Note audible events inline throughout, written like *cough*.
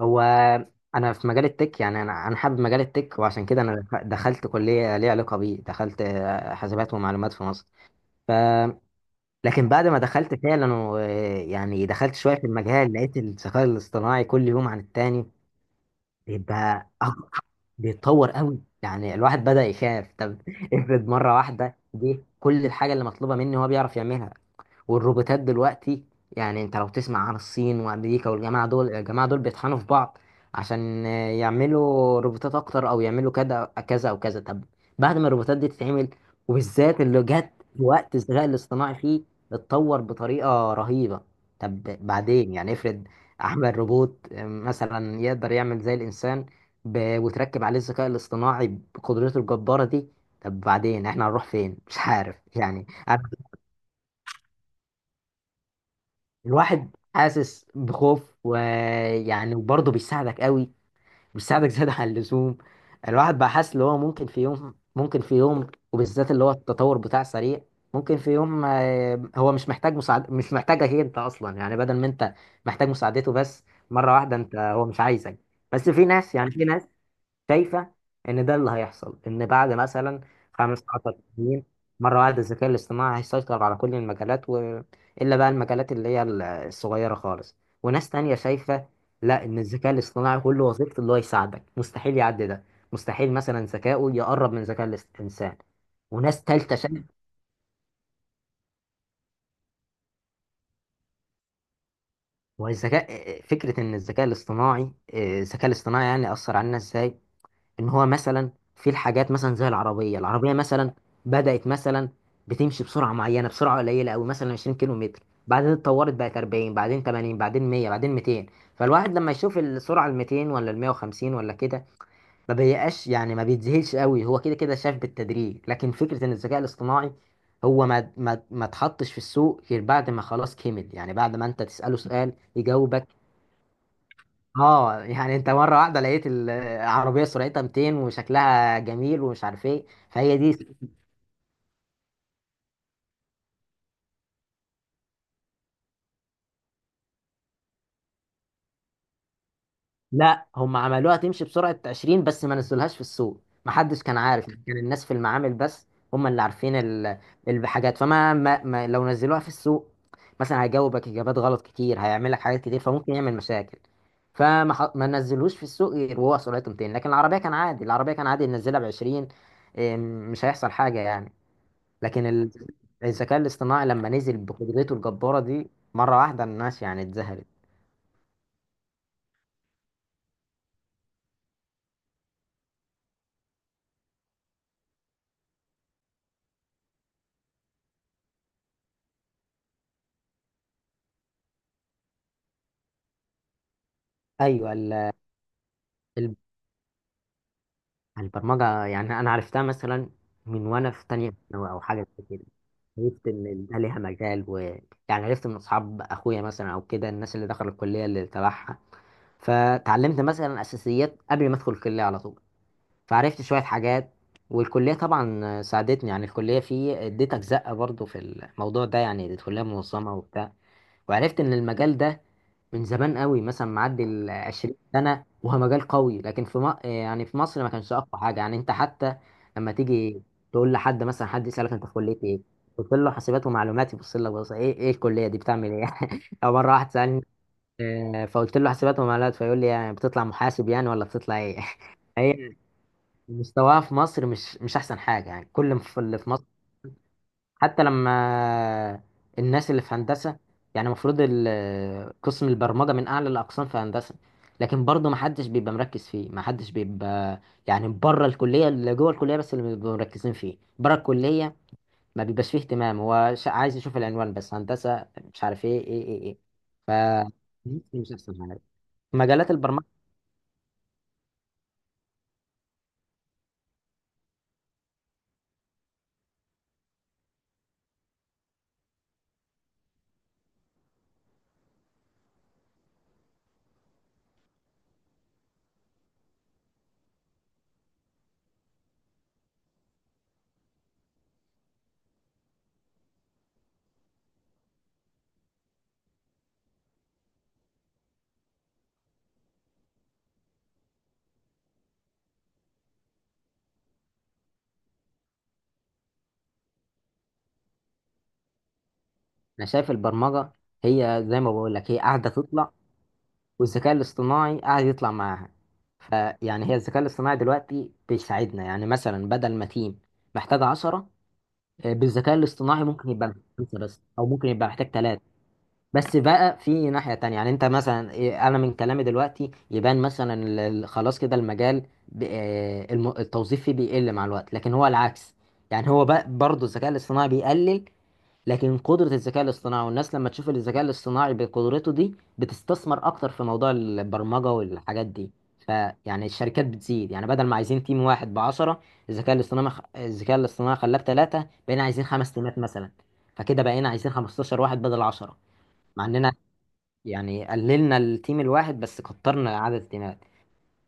هو، انا في مجال التك. يعني انا حابب مجال التك، وعشان كده انا دخلت كليه ليها علاقه بيه. دخلت حاسبات ومعلومات في مصر. ف لكن بعد ما دخلت فعلا يعني دخلت شويه في المجال، لقيت الذكاء الاصطناعي كل يوم عن التاني بيبقى بيتطور قوي. يعني الواحد بدأ يخاف. طب افرض مره واحده جه كل الحاجه اللي مطلوبه مني هو بيعرف يعملها. والروبوتات دلوقتي يعني انت لو تسمع عن الصين وامريكا والجماعه دول الجماعه دول بيطحنوا في بعض عشان يعملوا روبوتات اكتر، او يعملوا كذا كذا او كذا. طب بعد ما الروبوتات دي تتعمل، وبالذات اللي جت في وقت الذكاء الاصطناعي فيه اتطور بطريقه رهيبه. طب بعدين يعني افرض اعمل روبوت مثلا يقدر يعمل زي الانسان، وتركب عليه الذكاء الاصطناعي بقدرته الجباره دي. طب بعدين احنا هنروح فين؟ مش عارف يعني انا. الواحد حاسس بخوف، ويعني وبرضه بيساعدك قوي. بيساعدك *laughs* زيادة عن اللزوم. الواحد بقى حاسس اللي هو ممكن في يوم، ممكن في يوم، وبالذات اللي هو التطور بتاع سريع، ممكن في يوم هو مش محتاج مساعد، مش محتاجك هي انت اصلا. يعني بدل ما انت محتاج مساعدته بس، مرة واحدة انت هو مش عايزك. بس في ناس، يعني في ناس شايفه ان ده اللي هيحصل، ان بعد مثلا 15 سنين مره واحده الذكاء الاصطناعي هيسيطر على كل المجالات، الا بقى المجالات اللي هي الصغيره خالص. وناس تانية شايفه لا، ان الذكاء الاصطناعي كل وظيفته اللي هو يساعدك، مستحيل يعدي ده. مستحيل مثلا ذكائه يقرب من ذكاء الانسان. وناس تالتة شايفه والذكاء فكره ان الذكاء الاصطناعي، الذكاء الاصطناعي يعني اثر علينا ازاي. ان هو مثلا في الحاجات مثلا زي العربيه مثلا بدات مثلا بتمشي بسرعه معينه، بسرعه قليله قوي، مثلا 20 كيلو متر. بعدين اتطورت بقت 40، بعدين 80، بعدين 100، بعدين 200. فالواحد لما يشوف السرعه ال 200 ولا ال 150 ولا كده ما بيبقاش، يعني ما بيتذهلش قوي. هو كده كده شاف بالتدريج. لكن فكره ان الذكاء الاصطناعي هو ما اتحطش في السوق غير بعد ما خلاص كمل. يعني بعد ما انت تساله سؤال يجاوبك. اه، يعني انت مره واحده لقيت العربيه سرعتها 200 وشكلها جميل ومش عارف ايه، فهي دي. لا، هم عملوها تمشي بسرعه 20 بس ما نزلوهاش في السوق. ما حدش كان عارف. يعني كان الناس في المعامل بس هم اللي عارفين الحاجات. فما ما ما لو نزلوها في السوق، مثلا هيجاوبك اجابات غلط كتير، هيعمل لك حاجات كتير، فممكن يعمل مشاكل. فما ما نزلوش في السوق غير وهو سرعته 200. لكن العربيه كان عادي ننزلها ب 20. إيه، مش هيحصل حاجه يعني. لكن الذكاء الاصطناعي لما نزل بقدرته الجبارة دي مرة واحدة، الناس يعني اتذهلت. ايوه، ال- البرمجة يعني انا عرفتها مثلا من وانا في تانية ثانوي او حاجة زي كده. عرفت ان ده ليها مجال. يعني عرفت من اصحاب اخويا مثلا او كده، الناس اللي دخلوا الكلية اللي تبعها. فتعلمت مثلا اساسيات قبل ما ادخل الكليه على طول. فعرفت شويه حاجات. والكليه طبعا ساعدتني. يعني الكليه في اديت اجزاء برضو في الموضوع ده، يعني الكليه منظمه وبتاع. وعرفت ان المجال ده من زمان قوي، مثلا معدي ال 20 سنه، وهو مجال قوي. لكن في يعني في مصر ما كانش اقوى حاجه. يعني انت حتى لما تيجي تقول لحد، مثلا حد يسالك انت في كليه ايه، قلت له حاسبات ومعلومات، يبص لك، بص ايه، ايه الكليه دي بتعمل ايه؟ *laughs* او مره واحد سالني، فقلت له حاسبات ومعلومات، فيقول لي، يعني بتطلع محاسب يعني ولا بتطلع ايه؟ *laughs* هي مستواها في مصر مش احسن حاجه. يعني كل اللي في، حتى لما الناس اللي في هندسة، يعني المفروض قسم البرمجة من أعلى الأقسام في هندسة، لكن برضه محدش بيبقى مركز فيه، محدش بيبقى، يعني بره الكلية، اللي جوه الكلية بس اللي بيبقوا مركزين فيه بره الكلية. ما بيبقاش فيه اهتمام، هو عايز يشوف العنوان بس هندسة، مش عارف ايه ايه ايه ايه. ف مش أحسن حاجة مجالات البرمجة. أنا شايف البرمجة هي زي ما بقول لك، هي قاعدة تطلع والذكاء الاصطناعي قاعد يطلع معاها. فيعني هي الذكاء الاصطناعي دلوقتي بيساعدنا. يعني مثلا بدل ما تيم محتاج عشرة، بالذكاء الاصطناعي ممكن يبقى محتاج خمسة بس، أو ممكن يبقى محتاج تلاتة. بس بقى في ناحية تانية، يعني انت مثلا إيه، انا من كلامي دلوقتي يبان مثلا خلاص كده المجال التوظيف فيه بيقل مع الوقت، لكن هو العكس. يعني هو بقى برضه الذكاء الاصطناعي بيقلل، لكن قدرة الذكاء الاصطناعي والناس لما تشوف الذكاء الاصطناعي بقدرته دي بتستثمر اكتر في موضوع البرمجة والحاجات دي. فيعني الشركات بتزيد. يعني بدل ما عايزين تيم واحد بعشرة، الذكاء الاصطناعي خلاه بتلاتة، بقينا عايزين خمس تيمات مثلا. فكده بقينا عايزين 15 واحد بدل 10. مع اننا يعني قللنا التيم الواحد بس كترنا عدد التيمات.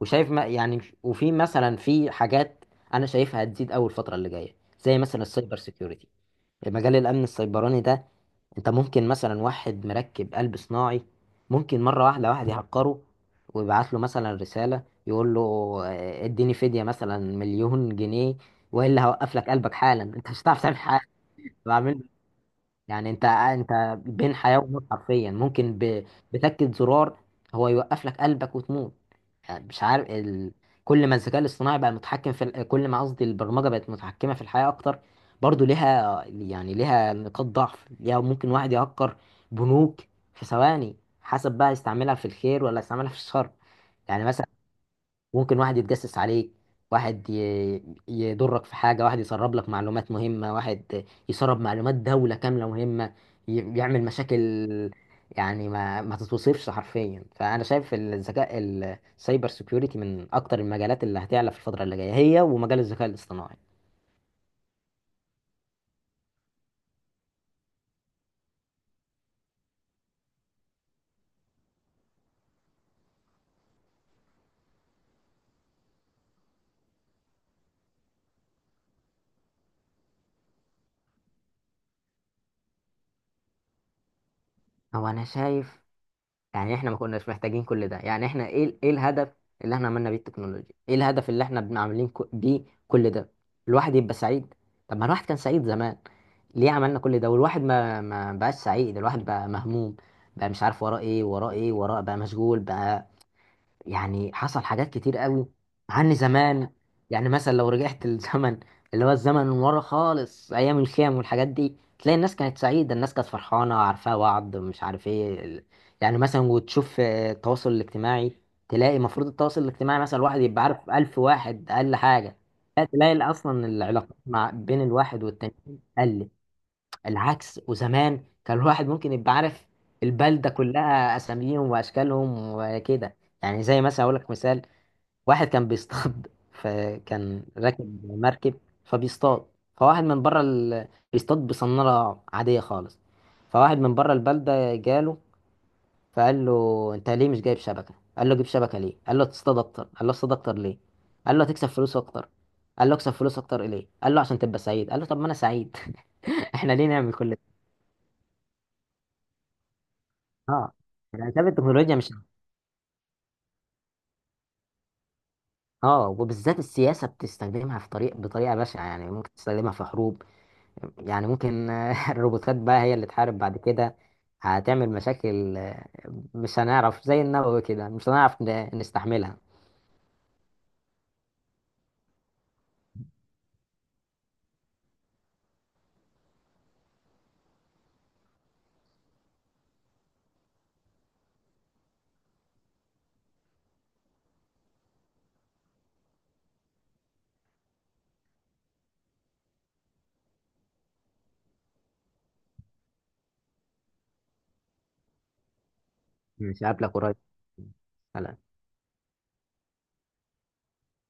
وشايف ما يعني وفي مثلا في حاجات انا شايفها هتزيد اول الفتره اللي جايه، زي مثلا السايبر سيكيورتي، مجال الامن السيبراني ده. انت ممكن مثلا واحد مركب قلب صناعي، ممكن مره واحده واحد يهكره ويبعت له مثلا رساله يقول له، اديني فديه مثلا مليون جنيه، والا هوقف لك قلبك حالا. انت مش هتعرف تعمل حاجه. يعني انت بين حياة وموت حرفيا. ممكن بتكة زرار هو يوقف لك قلبك وتموت. يعني مش عارف كل ما الذكاء الاصطناعي بقى متحكم في كل ما قصدي البرمجة بقت متحكمة في الحياة اكتر، برضو ليها، يعني ليها نقاط ضعف، ليها ممكن واحد يهكر بنوك في ثواني. حسب بقى يستعملها في الخير ولا يستعملها في الشر. يعني مثلا ممكن واحد يتجسس عليك، واحد يضرك في حاجة، واحد يسرب لك معلومات مهمة، واحد يسرب معلومات دولة كاملة مهمة، يعمل مشاكل. يعني ما تتوصفش حرفيا. فأنا شايف الذكاء السايبر سيكيورتي من أكتر المجالات اللي هتعلى في الفترة اللي جاية، هي ومجال الذكاء الاصطناعي. هو أنا شايف يعني احنا ما كناش محتاجين كل ده. يعني احنا ايه ايه الهدف اللي احنا عملنا بيه التكنولوجيا؟ ايه الهدف اللي احنا عاملين بيه كل ده؟ الواحد يبقى سعيد. طب ما الواحد كان سعيد زمان. ليه عملنا كل ده والواحد ما بقاش سعيد؟ الواحد بقى مهموم، بقى مش عارف وراه ايه، وراه ايه، وراه بقى مشغول بقى. يعني حصل حاجات كتير قوي عني زمان. يعني مثلا لو رجعت *laughs* للزمن، اللي هو الزمن من ورا خالص، ايام الخيام والحاجات دي، تلاقي الناس كانت سعيده، الناس كانت فرحانه، عارفاه بعض، مش عارف ايه يعني مثلا وتشوف التواصل الاجتماعي، تلاقي المفروض التواصل الاجتماعي مثلا الواحد يبقى عارف ألف واحد اقل حاجه. لا، تلاقي اصلا العلاقات مع بين الواحد والتاني قلت العكس. وزمان كان الواحد ممكن يبقى عارف البلدة كلها، أساميهم وأشكالهم وكده. يعني زي مثلا أقول لك مثال. واحد كان بيصطاد *laughs* فكان راكب مركب فبيصطاد، فواحد من بره بيصطاد بصنارة عادية خالص، فواحد من بره البلدة جاله فقال له أنت ليه مش جايب شبكة؟ قال له جيب شبكة ليه؟ قال له تصطاد أكتر. قال له اصطاد أكتر ليه؟ قال له هتكسب فلوس أكتر. قال له اكسب فلوس أكتر ليه؟ قال له عشان تبقى سعيد. قال له طب ما أنا سعيد. *laughs* احنا ليه نعمل كل؟ اه، الاسباب التكنولوجيا مش. اه، وبالذات السياسه بتستخدمها في بطريقه بشعه. يعني ممكن تستخدمها في حروب. يعني ممكن *laughs* الروبوتات بقى هي اللي تحارب بعد كده. هتعمل مشاكل. مش هنعرف، زي النووي كده، مش هنعرف نستحملها. مش هقابلك قريب.